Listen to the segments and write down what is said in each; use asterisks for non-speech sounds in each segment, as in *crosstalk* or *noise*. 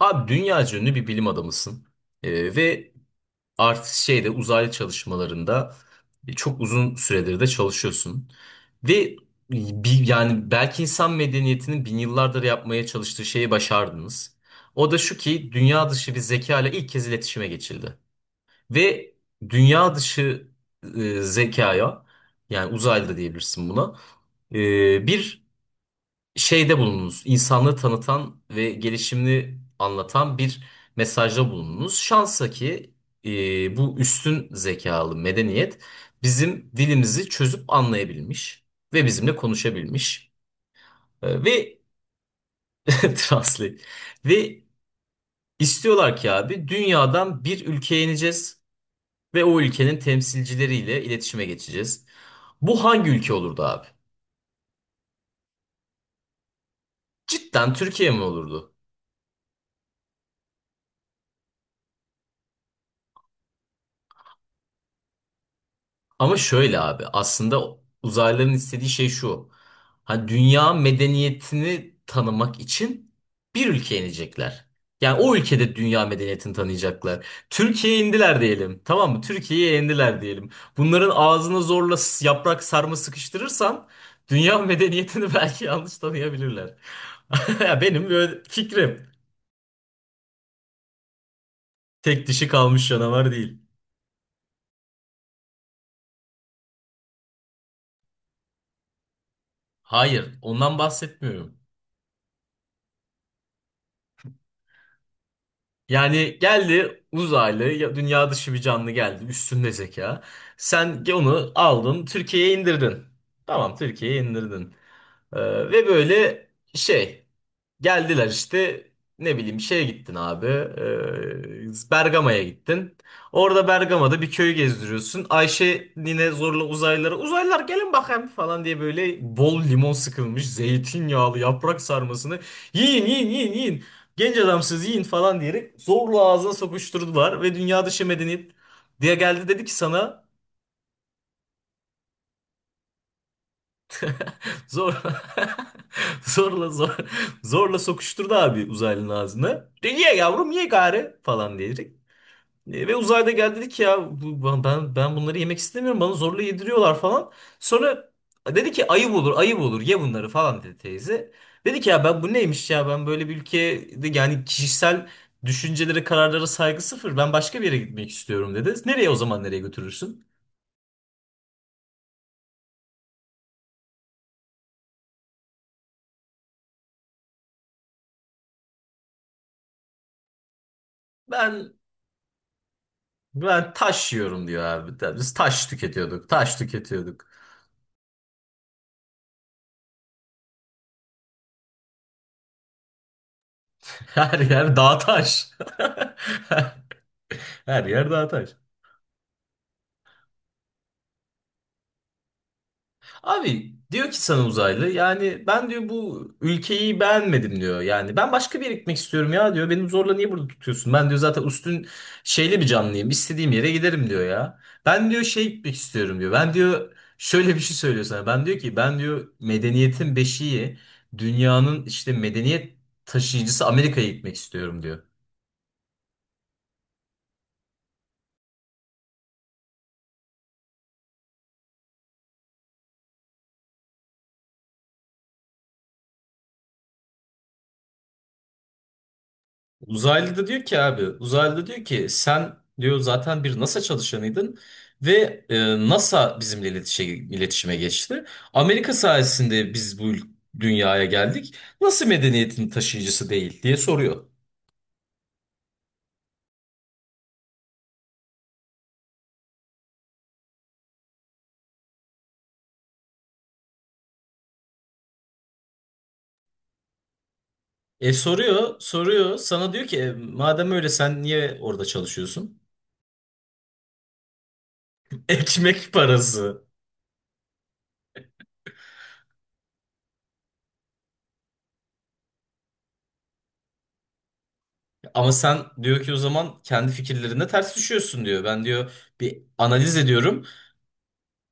Abi dünya ünlü bir bilim adamısın. Ve artık uzaylı çalışmalarında çok uzun süredir de çalışıyorsun. Ve yani belki insan medeniyetinin bin yıllardır yapmaya çalıştığı şeyi başardınız. O da şu ki dünya dışı bir zeka ile ilk kez iletişime geçildi. Ve dünya dışı zekaya, yani uzaylı da diyebilirsin buna, bir bulununuz. İnsanlığı tanıtan ve gelişimini anlatan bir mesajda bulununuz. Şansa ki bu üstün zekalı medeniyet bizim dilimizi çözüp anlayabilmiş ve bizimle konuşabilmiş. Ve *laughs* translate. Ve istiyorlar ki abi dünyadan bir ülkeye ineceğiz ve o ülkenin temsilcileriyle iletişime geçeceğiz. Bu hangi ülke olurdu abi? Cidden Türkiye mi olurdu? Ama şöyle abi, aslında uzaylıların istediği şey şu. Hani dünya medeniyetini tanımak için bir ülkeye inecekler. Yani o ülkede dünya medeniyetini tanıyacaklar. Türkiye'ye indiler diyelim. Tamam mı? Türkiye'ye indiler diyelim. Bunların ağzına zorla yaprak sarma sıkıştırırsan dünya medeniyetini *laughs* belki yanlış tanıyabilirler. *laughs* Ya benim böyle fikrim. Tek dişi kalmış canavar değil. Hayır, ondan bahsetmiyorum. Yani geldi uzaylı, dünya dışı bir canlı geldi, üstünde zeka. Sen onu aldın, Türkiye'ye indirdin. Tamam, Türkiye'ye indirdin. Ee, ve böyle şey geldiler işte, ne bileyim, şeye gittin abi, Bergama'ya gittin. Orada Bergama'da bir köyü gezdiriyorsun. Ayşe nine zorla uzaylılara, uzaylılar gelin bakayım falan diye böyle bol limon sıkılmış zeytinyağlı yaprak sarmasını yiyin yiyin yiyin yiyin. Genç adamsız yiyin falan diyerek zorla ağzına sokuşturdular ve dünya dışı medeniyet diye geldi dedi ki sana *laughs* zor. *laughs* *laughs* Zorla zor, zorla sokuşturdu abi uzaylının ağzına. De ye yavrum ye gari falan diyerek. Ve uzayda geldi dedi ki ya bu, ben bunları yemek istemiyorum, bana zorla yediriyorlar falan. Sonra dedi ki ayıp olur, ayıp olur, ye bunları falan dedi teyze. Dedi ki ya ben bu neymiş, ya ben böyle bir ülkede, yani kişisel düşüncelere, kararlara saygı sıfır, ben başka bir yere gitmek istiyorum dedi. Nereye o zaman, nereye götürürsün? Ben ben taş yiyorum diyor abi. Biz taş tüketiyorduk, taş tüketiyorduk. Her yer dağ taş. *laughs* Her yer dağ taş. Abi diyor ki sana uzaylı, yani ben diyor bu ülkeyi beğenmedim diyor. Yani ben başka bir yere gitmek istiyorum ya diyor. Benim zorla niye burada tutuyorsun? Ben diyor zaten üstün şeyli bir canlıyım. İstediğim yere giderim diyor ya. Ben diyor şey gitmek istiyorum diyor. Ben diyor şöyle bir şey söylüyor sana. Ben diyor medeniyetin beşiği, dünyanın işte medeniyet taşıyıcısı Amerika'ya gitmek istiyorum diyor. Uzaylı da diyor ki abi, uzaylı da diyor ki sen diyor zaten bir NASA çalışanıydın ve NASA bizimle iletişime geçti. Amerika sayesinde biz bu dünyaya geldik. Nasıl medeniyetin taşıyıcısı değil diye soruyor. E soruyor, soruyor. Sana diyor ki "E, madem öyle sen niye orada çalışıyorsun?" *laughs* Ekmek parası. Ama sen diyor ki o zaman kendi fikirlerine ters düşüyorsun diyor. Ben diyor bir analiz ediyorum.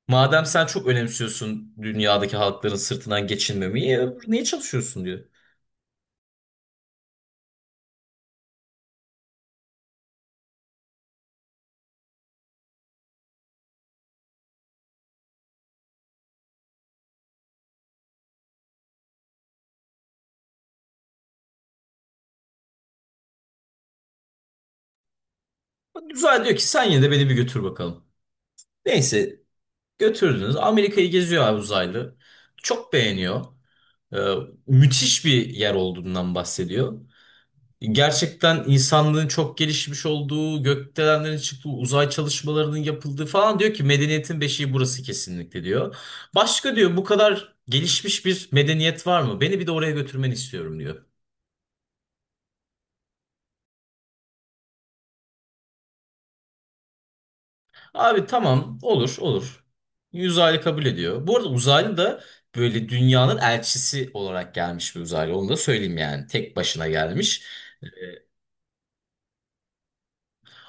Madem sen çok önemsiyorsun dünyadaki halkların sırtından geçinmemeyi, niye çalışıyorsun diyor. Uzaylı diyor ki sen yine de beni bir götür bakalım. Neyse götürdünüz. Amerika'yı geziyor abi uzaylı. Çok beğeniyor. Ee, Müthiş bir yer olduğundan bahsediyor. Gerçekten insanlığın çok gelişmiş olduğu, gökdelenlerin çıktığı, uzay çalışmalarının yapıldığı falan, diyor ki medeniyetin beşiği burası kesinlikle diyor. Başka diyor bu kadar gelişmiş bir medeniyet var mı? Beni bir de oraya götürmeni istiyorum diyor. Abi tamam, olur olur. Uzaylı kabul ediyor. Bu arada uzaylı da böyle dünyanın elçisi olarak gelmiş bir uzaylı. Onu da söyleyeyim yani. Tek başına gelmiş.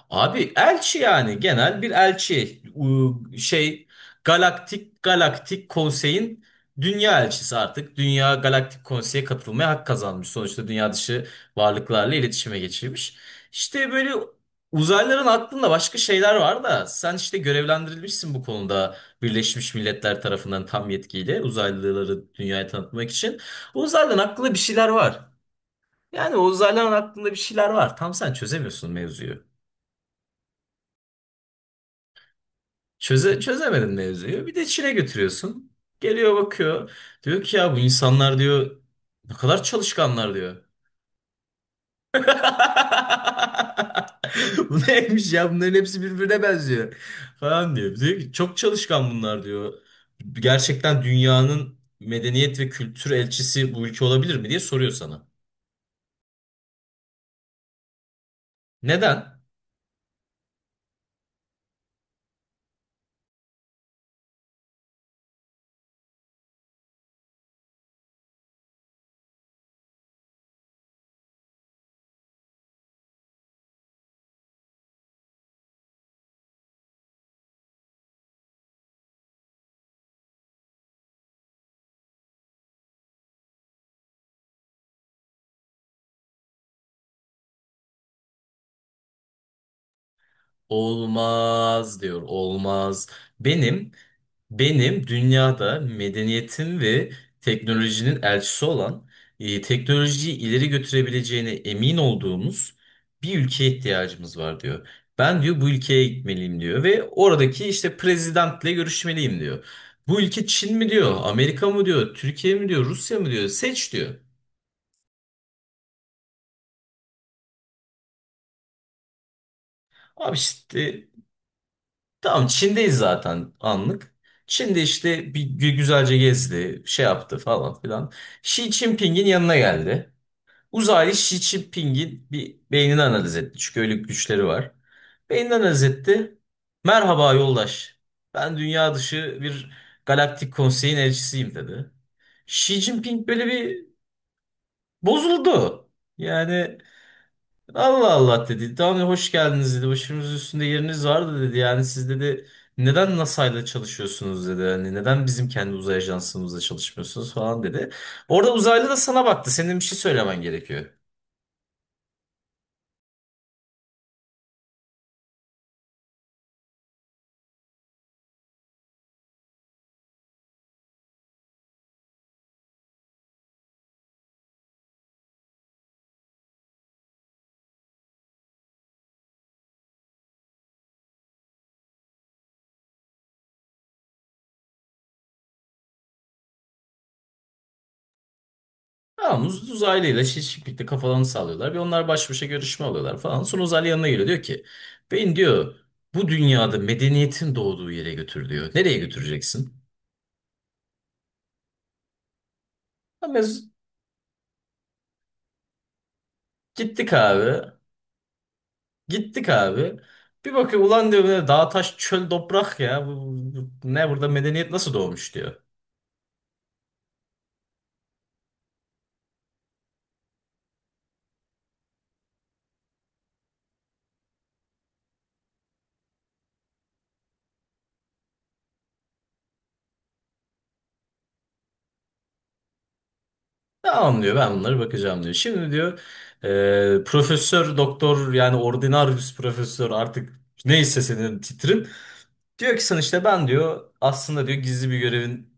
Abi elçi, yani genel bir elçi, şey, galaktik konseyin dünya elçisi. Artık dünya galaktik konseye katılmaya hak kazanmış, sonuçta dünya dışı varlıklarla iletişime geçirmiş, işte böyle. Uzaylıların aklında başka şeyler var da, sen işte görevlendirilmişsin bu konuda Birleşmiş Milletler tarafından tam yetkiyle uzaylıları dünyaya tanıtmak için. O uzaylıların aklında bir şeyler var, yani o uzaylıların aklında bir şeyler var, tam sen çözemiyorsun mevzuyu. Çözemedin mevzuyu. Bir de Çin'e götürüyorsun. Geliyor bakıyor. Diyor ki ya bu insanlar diyor ne kadar çalışkanlar diyor. *laughs* Bu neymiş ya, bunların hepsi birbirine benziyor falan diyor. Diyor ki çok çalışkan bunlar diyor. Gerçekten dünyanın medeniyet ve kültür elçisi bu ülke olabilir mi diye soruyor sana. Neden? Olmaz diyor, olmaz. Benim Benim dünyada medeniyetin ve teknolojinin elçisi olan, teknolojiyi ileri götürebileceğine emin olduğumuz bir ülkeye ihtiyacımız var diyor. Ben diyor bu ülkeye gitmeliyim diyor ve oradaki işte prezidentle görüşmeliyim diyor. Bu ülke Çin mi diyor, Amerika mı diyor, Türkiye mi diyor, Rusya mı diyor, seç diyor. Abi işte tamam, Çin'deyiz zaten anlık. Çin'de işte bir güzelce gezdi, şey yaptı falan filan. Xi Jinping'in yanına geldi. Uzaylı Xi Jinping'in bir beynini analiz etti. Çünkü öyle güçleri var. Beynini analiz etti. Merhaba yoldaş. Ben dünya dışı bir galaktik konseyin elçisiyim dedi. Xi Jinping böyle bir bozuldu. Yani Allah Allah dedi. Daha önce hoş geldiniz dedi. Başımız üstünde yeriniz vardı dedi. Yani siz dedi neden NASA ile çalışıyorsunuz dedi. Hani neden bizim kendi uzay ajansımızla çalışmıyorsunuz falan dedi. Orada uzaylı da sana baktı. Senin bir şey söylemen gerekiyor. Tamam, uzaylıyla şiş birlikte kafalarını sallıyorlar ve onlar baş başa görüşme alıyorlar falan. Sonra uzaylı yanına geliyor diyor ki ben diyor bu dünyada medeniyetin doğduğu yere götür diyor. Nereye götüreceksin? Ama biz gittik abi, gittik abi. Bir bakıyor, ulan diyor böyle dağ taş çöl toprak, ya bu, ne burada medeniyet nasıl doğmuş diyor. Tamam diyor, ben bunları bakacağım diyor. Şimdi diyor profesör doktor, yani ordinarius profesör artık, neyse senin titrin. Diyor ki sana işte ben diyor aslında diyor gizli bir görevin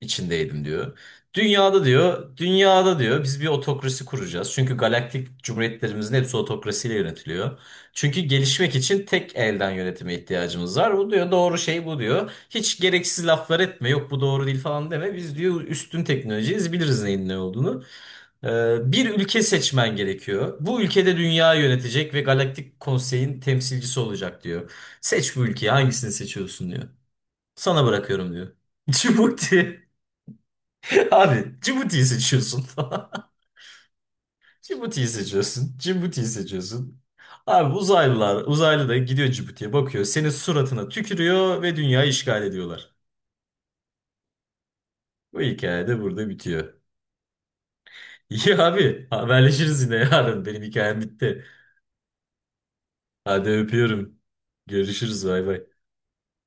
içindeydim diyor. Dünyada diyor biz bir otokrasi kuracağız. Çünkü galaktik cumhuriyetlerimizin hepsi otokrasiyle yönetiliyor. Çünkü gelişmek için tek elden yönetime ihtiyacımız var. Bu diyor doğru şey, bu diyor. Hiç gereksiz laflar etme, yok bu doğru değil falan deme. Biz diyor üstün teknolojiyiz, biliriz neyin ne olduğunu. Bir ülke seçmen gerekiyor. Bu ülkede dünya yönetecek ve Galaktik Konsey'in temsilcisi olacak diyor. Seç bu ülkeyi, hangisini seçiyorsun diyor. Sana bırakıyorum diyor. *laughs* Cibuti. Abi Cibuti'yi seçiyorsun. *laughs* Cibuti'yi seçiyorsun. Cibuti'yi seçiyorsun. Abi uzaylı da gidiyor Cibuti'ye bakıyor. Senin suratına tükürüyor ve dünyayı işgal ediyorlar. Bu hikaye de burada bitiyor. *laughs* İyi abi, haberleşiriz yine yarın. Benim hikayem bitti. Hadi öpüyorum. Görüşürüz, bay bay.